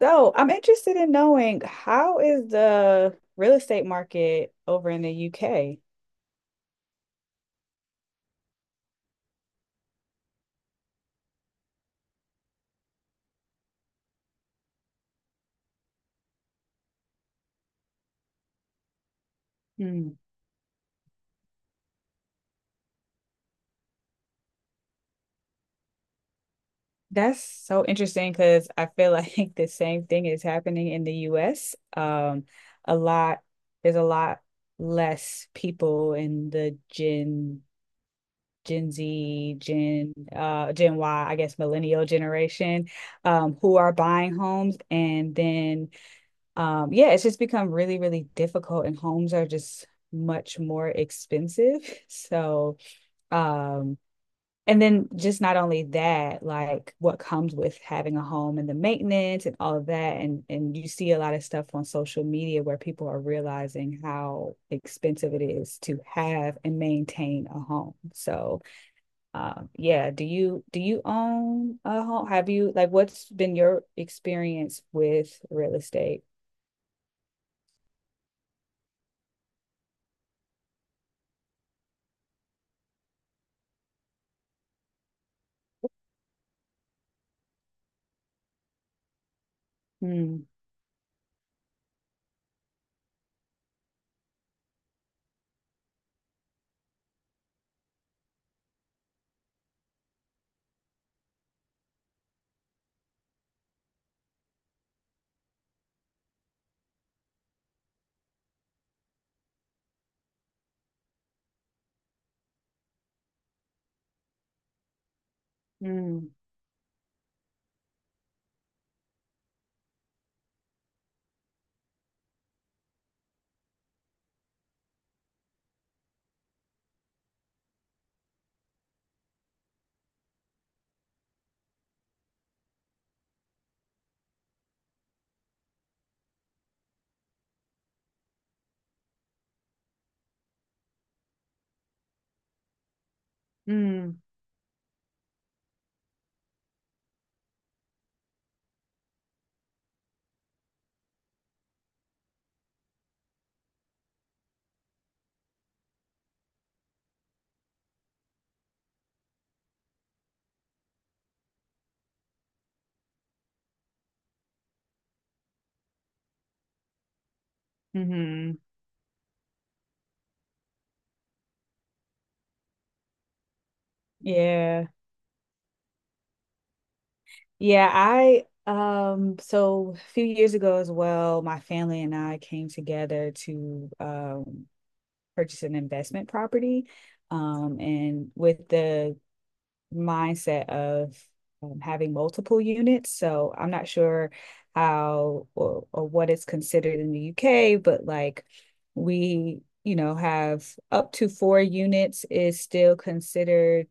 So I'm interested in knowing how is the real estate market over in the UK? Hmm. That's so interesting because I feel like the same thing is happening in the US. A lot, there's a lot less people in the Gen Z, Gen Y, I guess millennial generation, who are buying homes and then yeah, it's just become really, really difficult, and homes are just much more expensive. So, um, and then just not only that, like what comes with having a home and the maintenance and all of that, and you see a lot of stuff on social media where people are realizing how expensive it is to have and maintain a home. Yeah, do you own a home? Have you like what's been your experience with real estate? Hmm. Hmm. Mm, hmm. Yeah. Yeah, I so a few years ago as well, my family and I came together to purchase an investment property. And with the mindset of having multiple units. So I'm not sure how or what it's considered in the UK, but like we, you know, have up to four units is still considered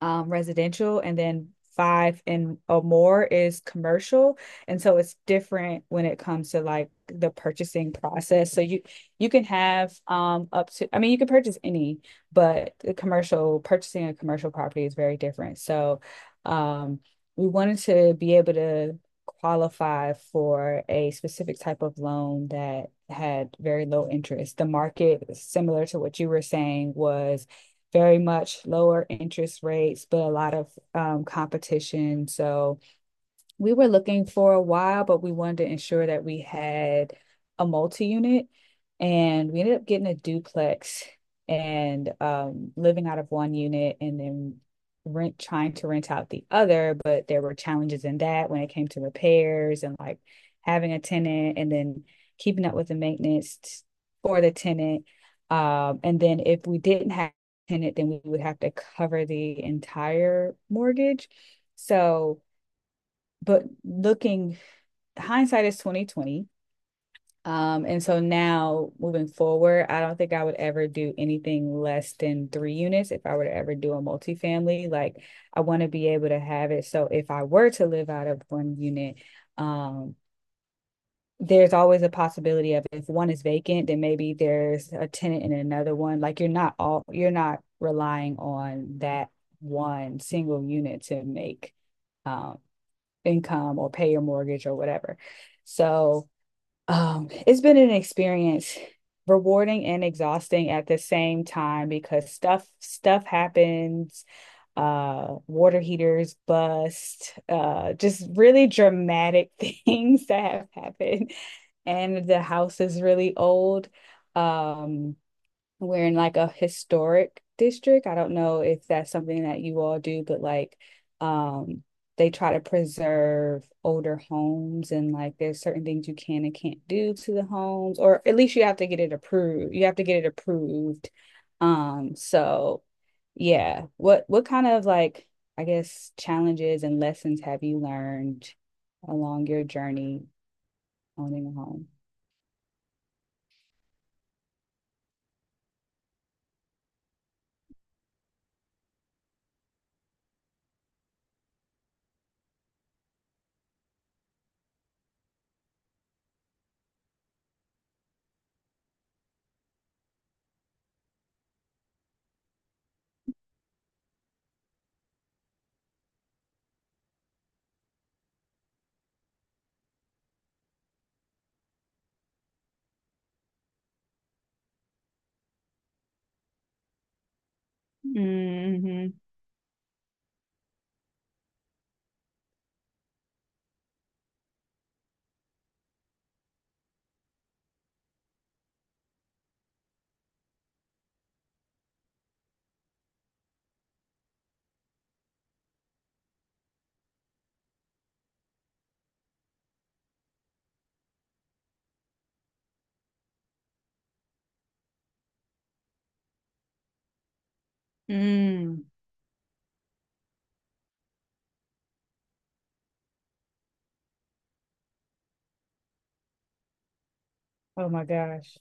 residential and then five and or more is commercial, and so it's different when it comes to like the purchasing process. So you can have up to, I mean, you can purchase any, but the commercial, purchasing a commercial property, is very different. So um, we wanted to be able to qualify for a specific type of loan that had very low interest. The market, similar to what you were saying, was very much lower interest rates, but a lot of competition. So we were looking for a while, but we wanted to ensure that we had a multi-unit, and we ended up getting a duplex and living out of one unit and then rent trying to rent out the other, but there were challenges in that when it came to repairs and like having a tenant and then keeping up with the maintenance for the tenant. And then if we didn't have a tenant, then we would have to cover the entire mortgage. So but looking, hindsight is 2020. And so now moving forward, I don't think I would ever do anything less than three units if I were to ever do a multifamily. Like, I want to be able to have it so if I were to live out of one unit, um, there's always a possibility of if one is vacant, then maybe there's a tenant in another one. Like, you're not all, you're not relying on that one single unit to make um income or pay your mortgage or whatever. So it's been an experience, rewarding and exhausting at the same time because stuff happens. Uh, water heaters bust, uh, just really dramatic things that have happened. And the house is really old, um, we're in like a historic district. I don't know if that's something that you all do, but like um, they try to preserve older homes and like there's certain things you can and can't do to the homes, or at least you have to get it approved. You have to get it approved. So yeah. What kind of like, I guess, challenges and lessons have you learned along your journey owning a home? Mm-hmm. Mm. Oh my gosh.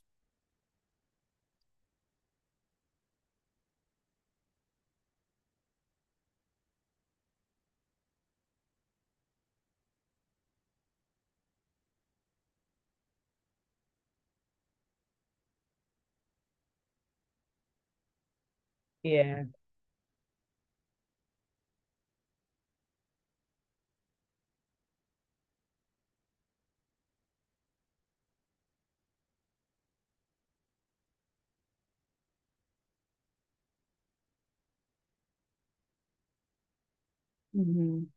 Yeah. Mhm.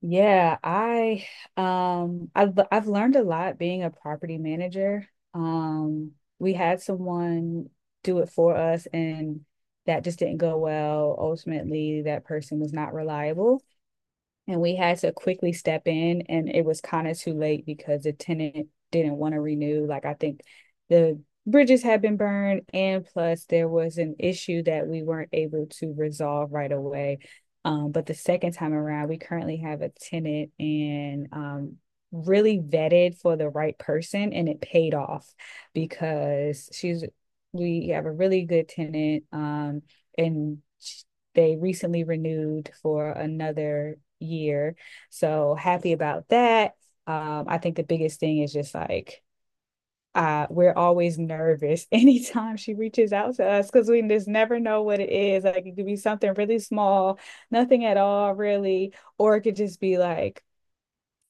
Yeah, I I've learned a lot being a property manager. We had someone do it for us, and that just didn't go well. Ultimately, that person was not reliable. And we had to quickly step in, and it was kind of too late because the tenant didn't want to renew. Like, I think the bridges had been burned, and plus, there was an issue that we weren't able to resolve right away. But the second time around, we currently have a tenant, and really vetted for the right person, and it paid off because she's we have a really good tenant, and they recently renewed for another year. So happy about that. I think the biggest thing is just like we're always nervous anytime she reaches out to us because we just never know what it is. Like it could be something really small, nothing at all, really, or it could just be like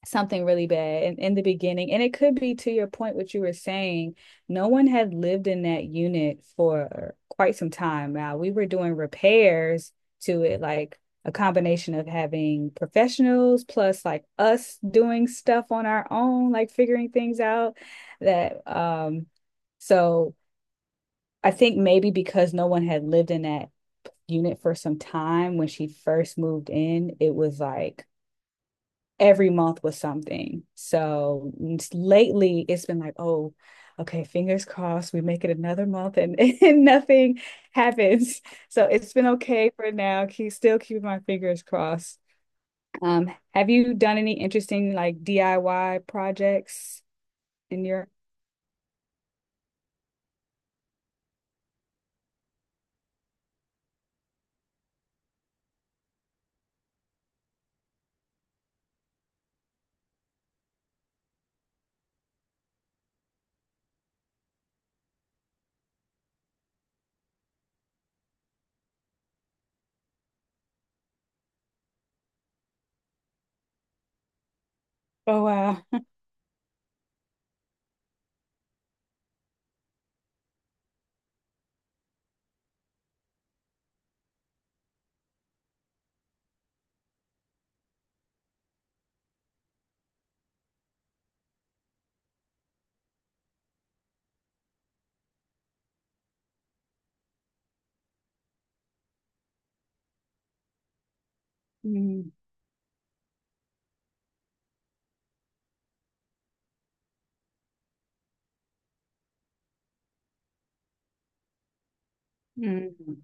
something really bad in the beginning. And it could be, to your point, what you were saying, no one had lived in that unit for quite some time. Now we were doing repairs to it, like a combination of having professionals plus like us doing stuff on our own, like figuring things out. That, so I think maybe because no one had lived in that unit for some time, when she first moved in, it was like every month was something. So lately it's been like, oh, okay, fingers crossed, we make it another month and, and nothing happens. So it's been okay for now. Keep Still keeping my fingers crossed. Have you done any interesting like DIY projects in your oh wow. Mm, mm,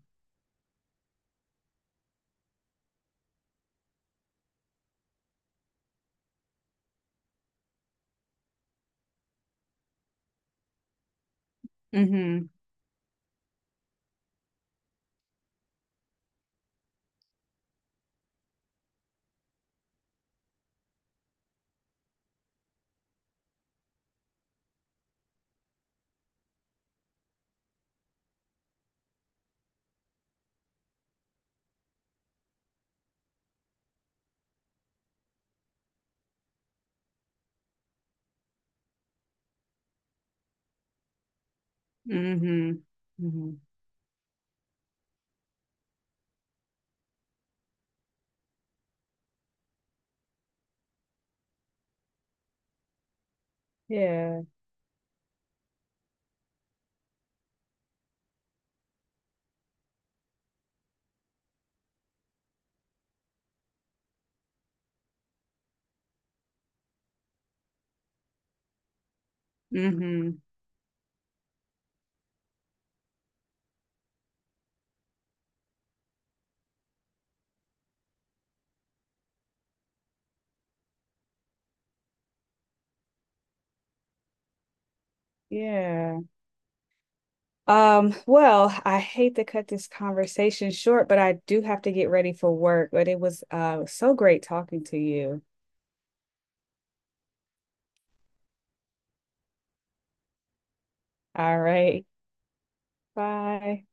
mm-hmm, mm-hmm, mm-hmm. Yeah. Mm-hmm. Yeah. Well, I hate to cut this conversation short, but I do have to get ready for work. But it was so great talking to you. All right. Bye.